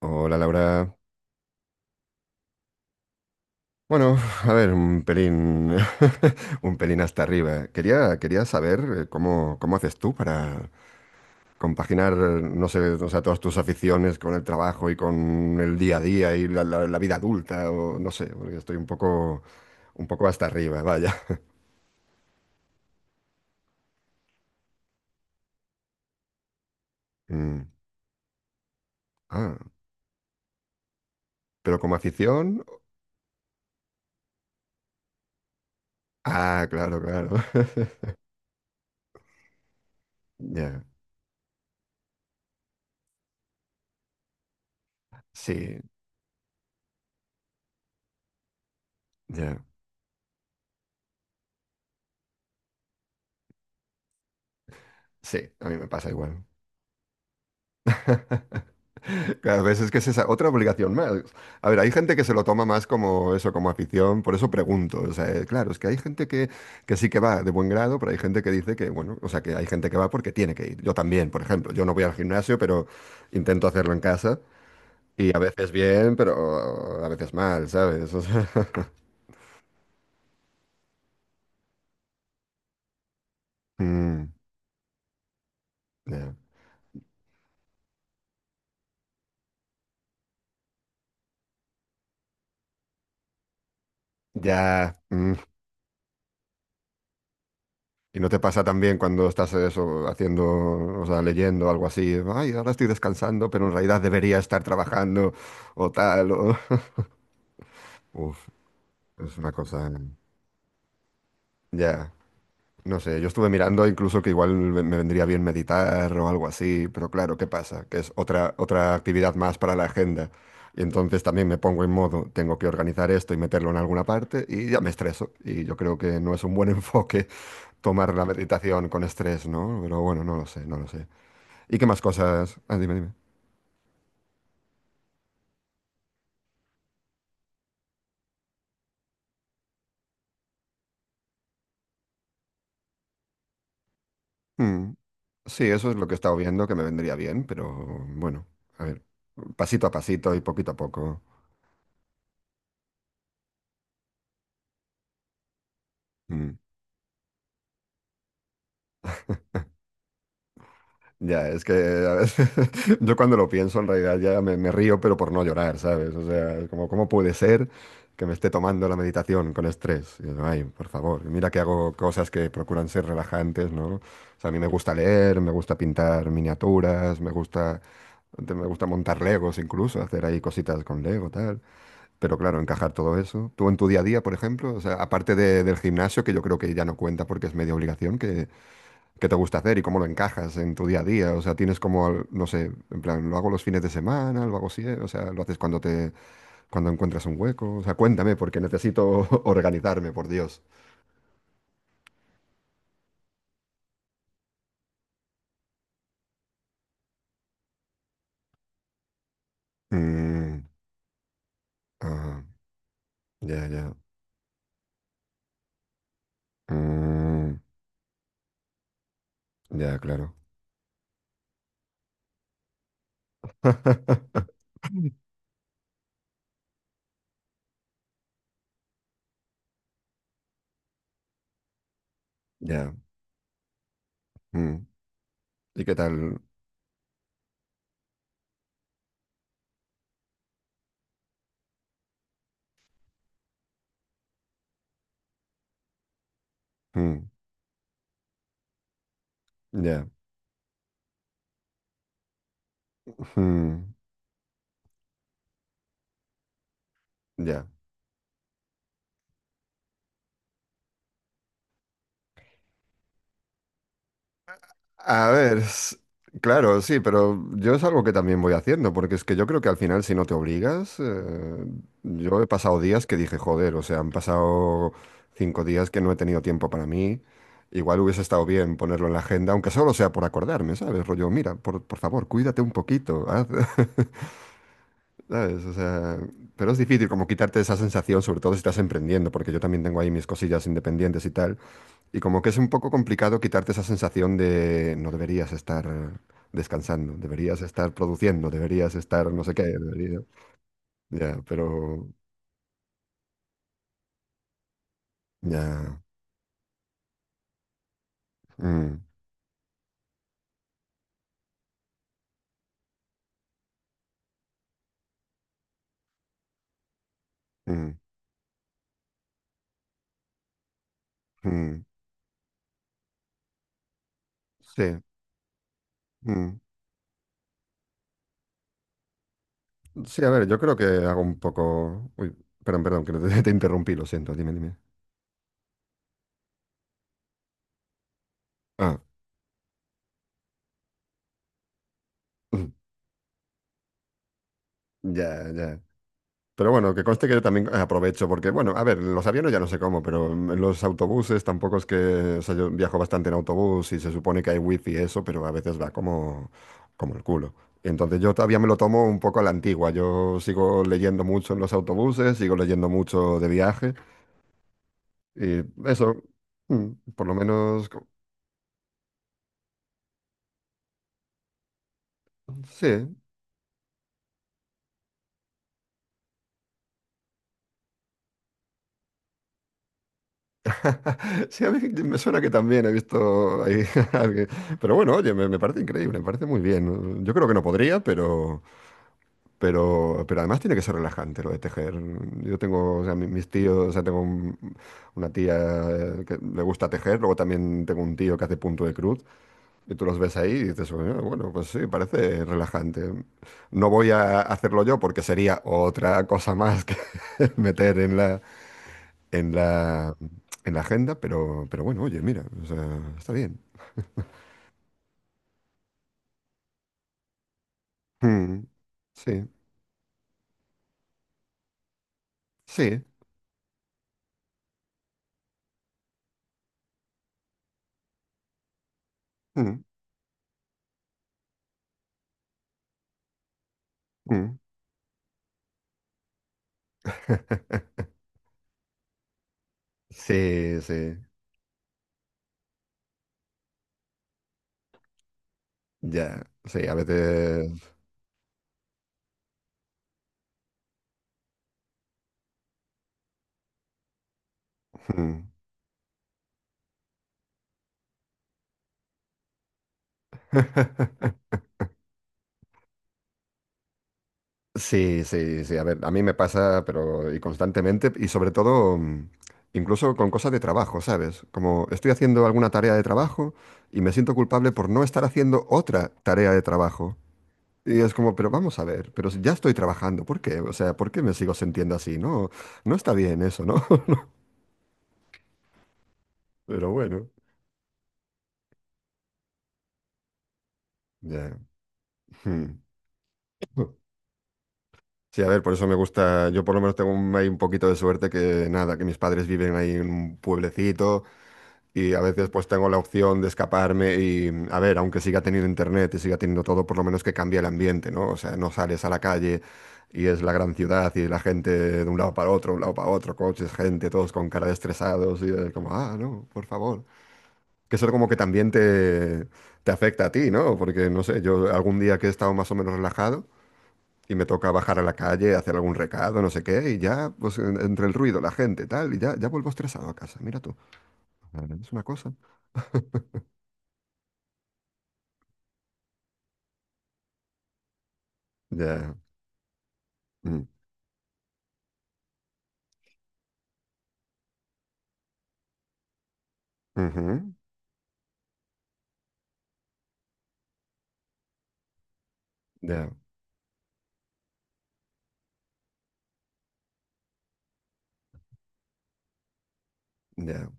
Hola Laura. Bueno, a ver, un pelín, un pelín hasta arriba. Quería saber cómo haces tú para compaginar, no sé, o sea, todas tus aficiones con el trabajo y con el día a día y la vida adulta, o no sé, porque estoy un poco hasta arriba, vaya. Mm, Ah, pero como afición, ah, claro, claro. Ya, sí, ya, sí, a mí me pasa igual. Claro, ves, es que es esa otra obligación más. A ver, hay gente que se lo toma más como eso, como afición, por eso pregunto. O sea, claro, es que hay que sí que va de buen grado, pero hay gente que dice que, bueno, o sea, que hay gente que va porque tiene que ir. Yo también, por ejemplo, yo no voy al gimnasio, pero intento hacerlo en casa y a veces bien, pero a veces mal, ¿sabes? O sea, mm, ya, ya, mm. ¿Y no te pasa también cuando estás eso haciendo, o sea, leyendo algo así? Ay, ahora estoy descansando, pero en realidad debería estar trabajando o tal. O... Uf, es una cosa. Ya, no sé, yo estuve mirando incluso que igual me vendría bien meditar o algo así, pero claro, ¿qué pasa? Que es otra, otra actividad más para la agenda. Y entonces también me pongo en modo, tengo que organizar esto y meterlo en alguna parte y ya me estreso. Y yo creo que no es un buen enfoque tomar la meditación con estrés, ¿no? Pero bueno, no lo sé, no lo sé. ¿Y qué más cosas? Ah, dime, dime. Mm, sí, eso es lo que he estado viendo, que me vendría bien, pero bueno, a ver, pasito a pasito y poquito a poco. Mm. Ya, es que a veces yo cuando lo pienso en realidad ya me río, pero por no llorar, ¿sabes? O sea, es como, ¿cómo puede ser que me esté tomando la meditación con estrés? Y yo, ay, por favor, mira que hago cosas que procuran ser relajantes, ¿no? O sea, a mí me gusta leer, me gusta pintar miniaturas, me gusta montar Legos incluso, hacer ahí cositas con Lego, tal. Pero claro, encajar todo eso. Tú en tu día a día, por ejemplo, o sea, aparte del gimnasio, que yo creo que ya no cuenta porque es media obligación, ¿qué, qué te gusta hacer y cómo lo encajas en tu día a día? O sea, tienes como, no sé, en plan, lo hago los fines de semana, lo hago así, o sea, lo haces cuando cuando encuentras un hueco. O sea, cuéntame, porque necesito organizarme, por Dios. Mm, ah, ya, ya. Mm, ya, claro. Ya. Mm. ¿Y qué tal? Mm, ya. Mm, ya. A ver, claro, sí, pero yo es algo que también voy haciendo, porque es que yo creo que al final si no te obligas, yo he pasado días que dije, joder, o sea, han pasado 5 días que no he tenido tiempo para mí, igual hubiese estado bien ponerlo en la agenda, aunque solo sea por acordarme, ¿sabes? Rollo, mira, por favor, cuídate un poquito, haz". ¿Sabes? O sea, pero es difícil como quitarte esa sensación, sobre todo si estás emprendiendo, porque yo también tengo ahí mis cosillas independientes y tal. Y como que es un poco complicado quitarte esa sensación de no deberías estar descansando, deberías estar produciendo, deberías estar no sé qué, deberías. Ya, pero ya. Mm, mm, mm, sí. Mm. Sí, a ver, yo creo que hago un poco. Uy, perdón, perdón, que te, te interrumpí, lo siento, dime, dime. Ah, ya, ya. Pero bueno, que conste que yo también aprovecho, porque bueno, a ver, los aviones ya no sé cómo, pero los autobuses tampoco es que, o sea, yo viajo bastante en autobús y se supone que hay wifi y eso, pero a veces va como, como el culo. Entonces yo todavía me lo tomo un poco a la antigua, yo sigo leyendo mucho en los autobuses, sigo leyendo mucho de viaje y eso, mm, por lo menos, sí, sí, a mí me suena que también he visto ahí a alguien, pero bueno, oye, me parece increíble, me parece muy bien. Yo creo que no podría, pero... pero además tiene que ser relajante lo de tejer. Yo tengo, o sea, mis tíos, o sea, una tía que le gusta tejer, luego también tengo un tío que hace punto de cruz, y tú los ves ahí y dices, "Bueno, bueno, pues sí, parece relajante. No voy a hacerlo yo porque sería otra cosa más que meter en la, en la agenda, pero bueno, oye, mira, o sea, está bien. Mm, sí, sí. Mm, mm. Sí, sí. Ya, sí, a veces... Mm, sí, sí, sí, a ver, a mí me pasa, pero y constantemente, y sobre todo, mm, incluso con cosas de trabajo, ¿sabes? Como estoy haciendo alguna tarea de trabajo y me siento culpable por no estar haciendo otra tarea de trabajo. Y es como, pero vamos a ver, pero si ya estoy trabajando, ¿por qué? O sea, ¿por qué me sigo sintiendo así? No, no está bien eso, ¿no? Pero bueno, ya. Mm. Sí, a ver, por eso me gusta, yo por lo menos tengo un, hay un poquito de suerte que nada, que mis padres viven ahí en un pueblecito y a veces pues tengo la opción de escaparme y a ver, aunque siga teniendo internet y siga teniendo todo, por lo menos que cambie el ambiente, ¿no? O sea, no sales a la calle y es la gran ciudad y la gente de un lado para otro, un lado para otro, coches, gente, todos con cara de estresados y como, ah, no, por favor. Que eso como que también te afecta a ti, ¿no? Porque no sé, yo algún día que he estado más o menos relajado. Y me toca bajar a la calle, hacer algún recado, no sé qué, y ya, pues entre el ruido, la gente, tal, y ya, ya vuelvo estresado a casa. Mira tú, ah, es una cosa. Ya, mm, ujú, ya, ya,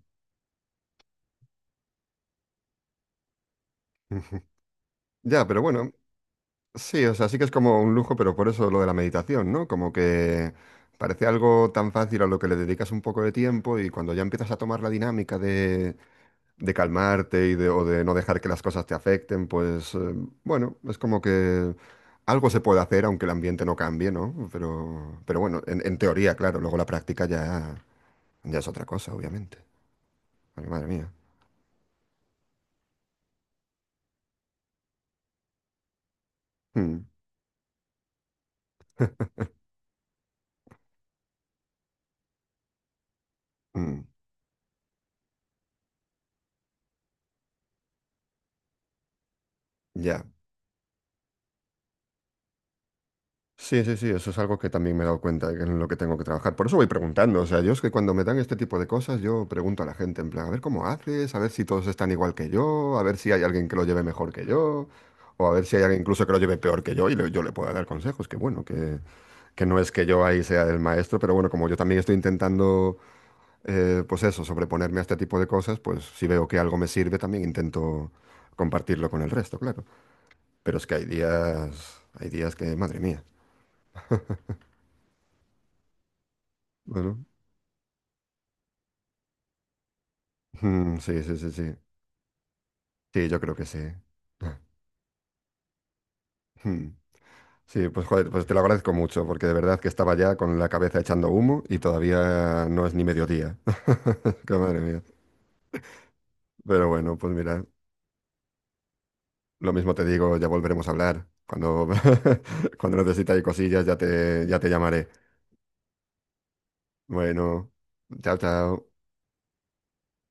ujú. Ya, pero bueno, sí, o sea, sí que es como un lujo, pero por eso lo de la meditación, ¿no? Como que parece algo tan fácil a lo que le dedicas un poco de tiempo y cuando ya empiezas a tomar la dinámica de calmarte y de, o de no dejar que las cosas te afecten, pues bueno, es como que algo se puede hacer aunque el ambiente no cambie, ¿no? Pero bueno, en teoría, claro, luego la práctica ya, ya es otra cosa, obviamente. Ay, madre mía. Mm, mm, ya. Sí, sí, sí, eso es algo que también me he dado cuenta de que es en lo que tengo que trabajar. Por eso voy preguntando. O sea, yo es que cuando me dan este tipo de cosas, yo pregunto a la gente, en plan, a ver cómo haces, a ver si todos están igual que yo, a ver si hay alguien que lo lleve mejor que yo, o a ver si hay alguien incluso que lo lleve peor que yo y yo le pueda dar consejos. Que bueno, que no es que yo ahí sea el maestro, pero bueno, como yo también estoy intentando, pues eso, sobreponerme a este tipo de cosas, pues si veo que algo me sirve, también intento compartirlo con el resto, claro. Pero es que hay días que, madre mía. Bueno. Mm, sí, sí, sí, sí. Sí, yo creo que sí. Mm. Sí, pues joder, pues te lo agradezco mucho, porque de verdad que estaba ya con la cabeza echando humo y todavía no es ni mediodía. Qué madre mía. Pero bueno, pues mira, lo mismo te digo, ya volveremos a hablar. Cuando, cuando necesites cosillas, ya te llamaré. Bueno, chao, chao.